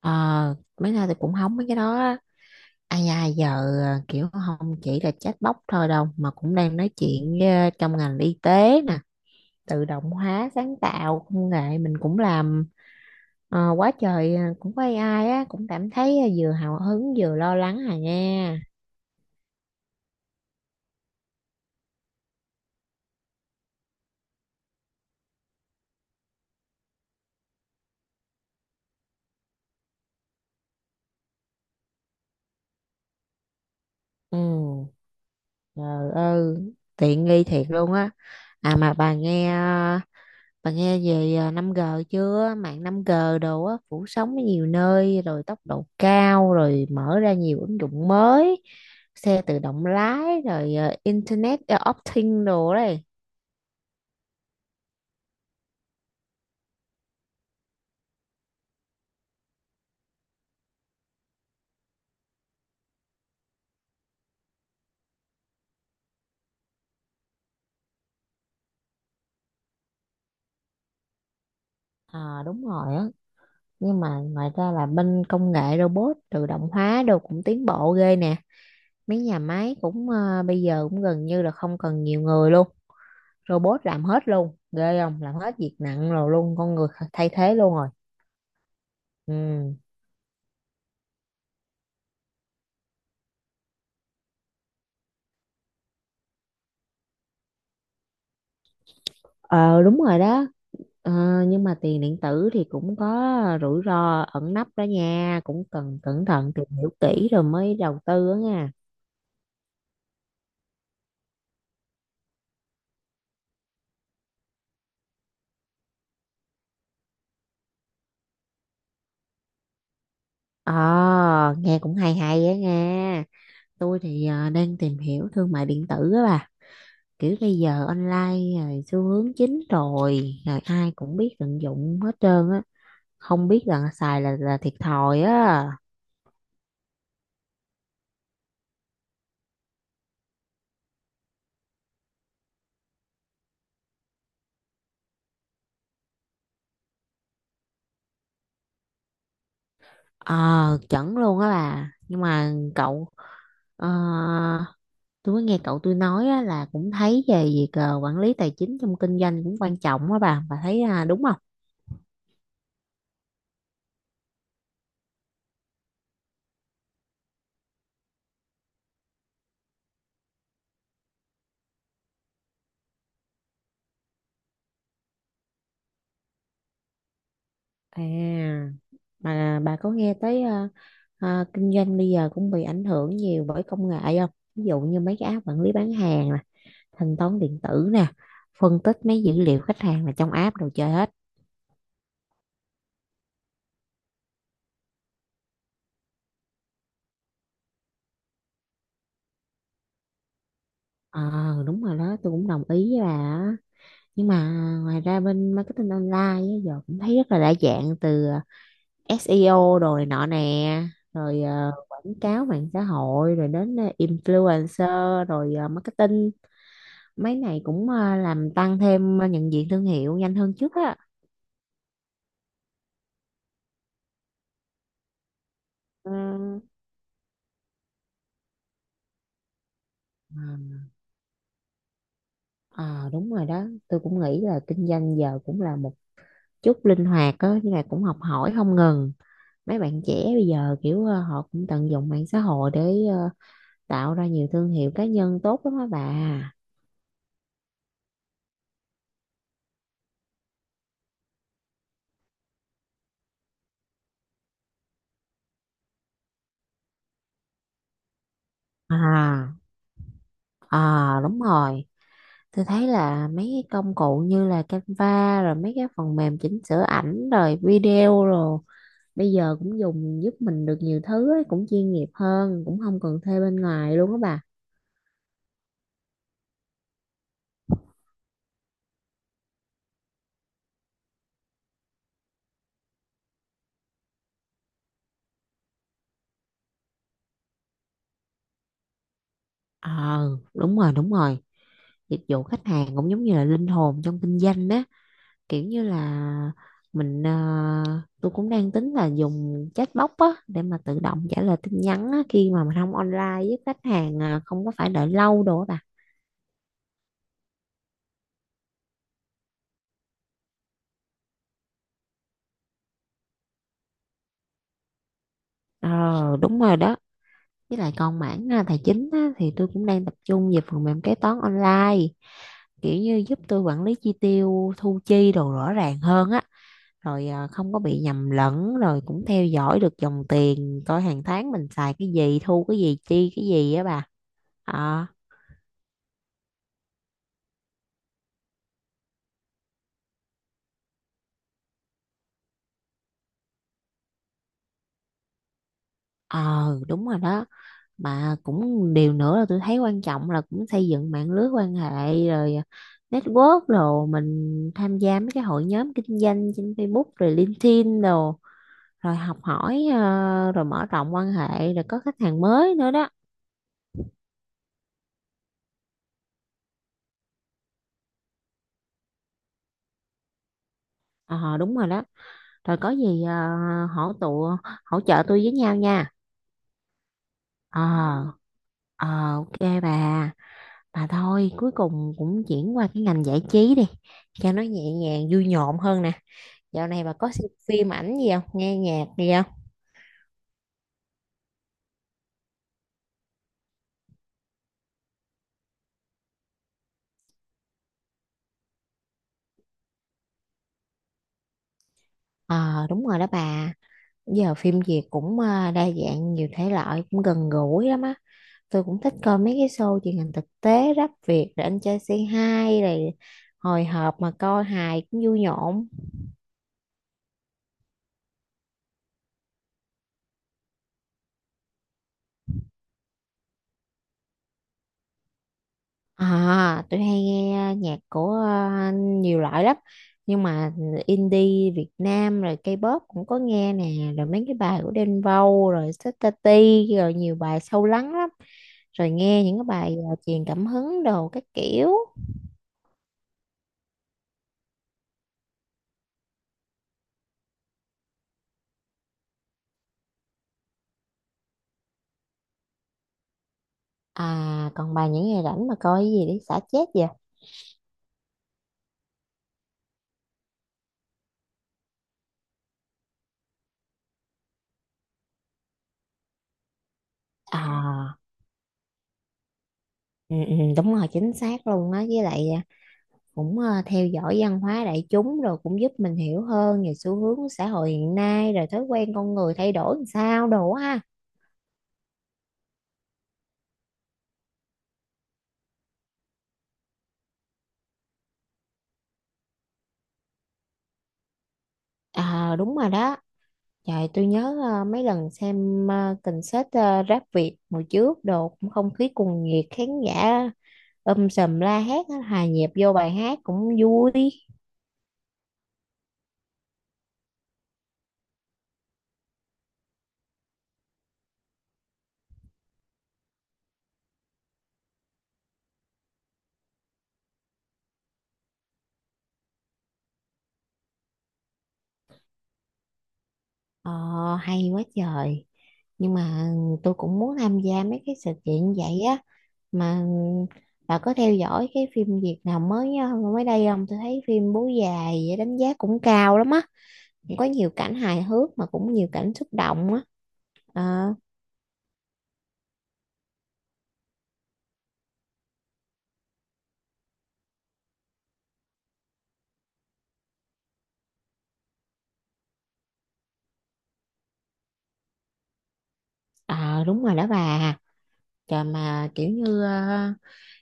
Ờ, mấy nay thì cũng hóng mấy cái đó á. Ai ai giờ kiểu không chỉ là chatbot thôi đâu, mà cũng đang nói chuyện với, trong ngành y tế nè, tự động hóa sáng tạo công nghệ mình cũng làm quá trời à, cũng có AI á, cũng cảm thấy à, vừa hào hứng vừa lo lắng à nha. Ừ, trời ơi tiện nghi thiệt luôn á. À mà bà nghe bà nghe về à, 5G chưa? Mạng 5G đồ á, phủ sóng ở nhiều nơi, rồi tốc độ cao, rồi mở ra nhiều ứng dụng mới, xe tự động lái, rồi à, Internet of Things đồ đấy. À, đúng rồi á. Nhưng mà ngoài ra là bên công nghệ robot tự động hóa đồ cũng tiến bộ ghê nè. Mấy nhà máy cũng à, bây giờ cũng gần như là không cần nhiều người luôn. Robot làm hết luôn. Ghê không? Làm hết việc nặng rồi luôn. Con người thay thế luôn rồi. Ừ. Ờ đúng rồi đó. Ờ, nhưng mà tiền điện tử thì cũng có rủi ro ẩn nấp đó nha, cũng cần cẩn thận tìm hiểu kỹ rồi mới đầu tư á nha. Ờ nghe cũng hay hay á nha, tôi thì đang tìm hiểu thương mại điện tử á bà, kiểu bây giờ online rồi xu hướng chính rồi rồi ai cũng biết tận dụng hết trơn á, không biết là xài là thiệt thòi á. Ờ chuẩn luôn á bà. Nhưng mà cậu ờ, tôi có nghe cậu tôi nói á, là cũng thấy về việc ờ, quản lý tài chính trong kinh doanh cũng quan trọng á bà thấy à, đúng không? À bà có nghe tới kinh doanh bây giờ cũng bị ảnh hưởng nhiều bởi công nghệ không? Ví dụ như mấy cái app quản lý bán hàng nè, thanh toán điện tử nè, phân tích mấy dữ liệu khách hàng là trong app đồ chơi hết. Ờ đúng rồi đó, tôi cũng đồng ý với bà á. Nhưng mà ngoài ra bên marketing online á, giờ cũng thấy rất là đa dạng, từ SEO rồi nọ nè, rồi quảng cáo mạng xã hội, rồi đến influencer, rồi marketing. Mấy này cũng ờ, làm tăng thêm ờ, nhận diện thương hiệu nhanh hơn trước á. Ừ. Ờ. Ờ, đúng rồi đó, tôi cũng nghĩ là kinh doanh giờ cũng là một chút linh hoạt á, nhưng mà cũng học hỏi không ngừng. Mấy bạn trẻ bây giờ kiểu họ cũng tận dụng mạng xã hội để tạo ra nhiều thương hiệu cá nhân tốt lắm á bà. À, à đúng rồi. Tôi thấy là mấy cái công cụ như là Canva, rồi mấy cái phần mềm chỉnh sửa ảnh rồi video, rồi bây giờ cũng dùng giúp mình được nhiều thứ ấy, cũng chuyên nghiệp hơn, cũng không cần thuê bên ngoài luôn á bà. Ờ đúng rồi, dịch vụ khách hàng cũng giống như là linh hồn trong kinh doanh á, kiểu như là mình tôi cũng đang tính là dùng chatbot á để mà tự động trả lời tin nhắn á, khi mà mình không online với khách hàng à, không có phải đợi lâu đồ á bà. Ờ đúng rồi đó, với lại còn mảng à, tài chính á, thì tôi cũng đang tập trung về phần mềm kế toán online, kiểu như giúp tôi quản lý chi tiêu thu chi đồ rõ ràng hơn á, rồi à, không có bị nhầm lẫn, rồi cũng theo dõi được dòng tiền, coi hàng tháng mình xài cái gì thu cái gì chi cái gì á bà. ờ ờ đúng rồi đó, mà cũng điều nữa là tôi thấy quan trọng là cũng xây dựng mạng lưới quan hệ, rồi à, network, rồi mình tham gia mấy cái hội nhóm kinh doanh trên Facebook rồi LinkedIn đồ, rồi học hỏi ờ, rồi mở rộng quan hệ, rồi có khách hàng mới nữa đó. Ờ đúng rồi đó, rồi có gì hỗ tụ hỗ trợ tôi với nhau nha. ờ ờ ok bà bà thôi cuối cùng cũng chuyển qua cái ngành giải trí đi cho nó nhẹ nhàng vui nhộn hơn nè. Dạo này bà có xem phim ảnh gì không, nghe nhạc gì không? Ờ đúng rồi đó bà, giờ phim Việt cũng đa dạng nhiều thể loại, cũng gần gũi lắm á. Tôi cũng thích coi mấy cái show truyền hình thực tế, rap Việt rồi anh trai C2 rồi, hồi hộp mà coi hài cũng vui nhộn. À tôi hay nghe nhạc của nhiều loại lắm, nhưng mà indie Việt Nam rồi K-pop cũng có nghe nè, rồi mấy cái bài của Đen Vâu rồi Tati rồi nhiều bài sâu lắng lắm, rồi nghe những cái bài truyền cảm hứng đồ các kiểu. À còn bài những ngày rảnh mà coi cái gì để xả chết vậy? À ừ, đúng rồi, chính xác luôn á. Với lại cũng theo dõi văn hóa đại chúng rồi cũng giúp mình hiểu hơn về xu hướng của xã hội hiện nay, rồi thói quen con người thay đổi làm sao đồ ha. À đúng rồi đó, trời tôi nhớ mấy lần xem concert rap Việt hồi trước đồ, cũng không khí cuồng nhiệt khán giả sùm la hét á, hòa nhịp vô bài hát cũng vui. Ờ hay quá trời. Nhưng mà ừ, tôi cũng muốn tham gia mấy cái sự kiện vậy á. Mà bà có theo dõi cái phim Việt nào mới á, mới đây không? Tôi thấy phim Bố Già vậy đánh giá cũng cao lắm á, cũng có nhiều cảnh hài hước mà cũng nhiều cảnh xúc động á. Ờ ờ, đúng rồi đó bà. Trời mà kiểu như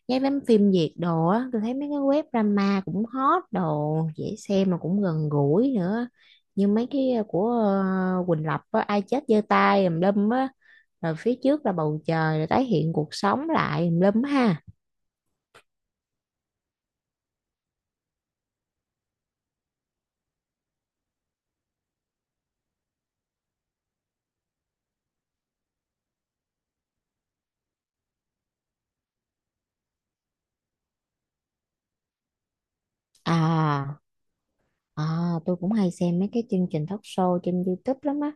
cái đám phim Việt đồ á, tôi thấy mấy cái web drama cũng hot đồ, dễ xem mà cũng gần gũi nữa, như mấy cái của Quỳnh Lập á, ai chết giơ tay tùm lum á, rồi phía trước là bầu trời rồi tái hiện cuộc sống lại tùm lum ha. À, à, tôi cũng hay xem mấy cái chương trình talk show trên YouTube lắm á.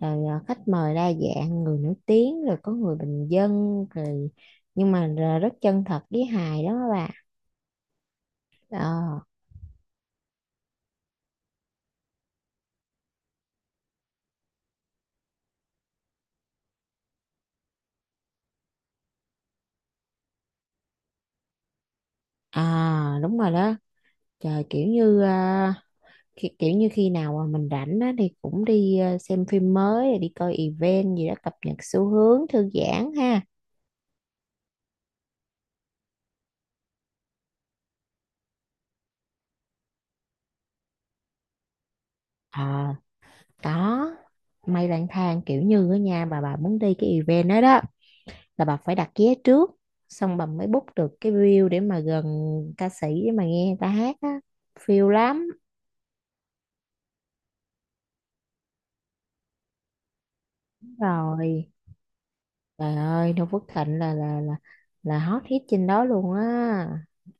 Rồi à, khách mời đa dạng, người nổi tiếng, rồi có người bình dân, rồi nhưng mà rất chân thật với hài đó các bạn. Ờ, à, đúng rồi đó. Trời, kiểu như à, kiểu như khi nào mà mình rảnh á thì cũng đi à, xem phim mới, rồi đi coi event gì đó, cập nhật xu hướng, thư giãn ha. Ờ, có. Mây lang thang, kiểu như ở nhà bà muốn đi cái event đó đó, là bà phải đặt vé trước, xong bà mới book được cái view để mà gần ca sĩ để mà nghe người ta hát á, phiêu lắm. Rồi trời ơi, Noo Phước Thịnh là hot hit trên đó luôn á,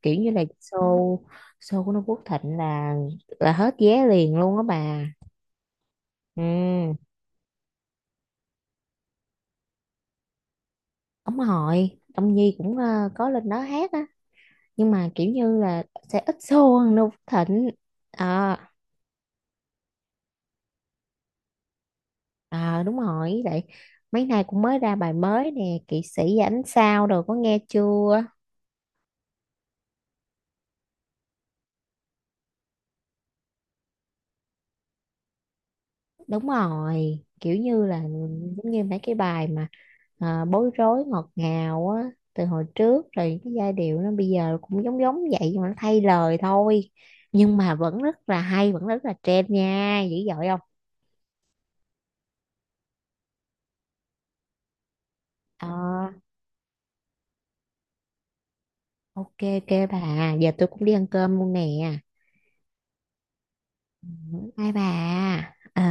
kiểu như là show show của Noo Phước Thịnh là hết vé liền luôn á bà. Ừ, ông Hội ông Nhi cũng có lên đó hát á, nhưng mà kiểu như là sẽ ít show hơn Noo Phước Thịnh. Ờ. Ờ đúng rồi vậy, mấy nay cũng mới ra bài mới nè, kỵ sĩ và ánh sao rồi có nghe chưa? Đúng rồi, kiểu như là giống như mấy cái bài mà à, bối rối ngọt ngào á từ hồi trước rồi, cái giai điệu nó bây giờ cũng giống giống vậy nhưng mà nó thay lời thôi, nhưng mà vẫn rất là hay, vẫn rất là trend nha, dữ dội không? Ờ ok, ok bà, giờ tôi cũng đi ăn cơm luôn nè. Bye bà. Ờ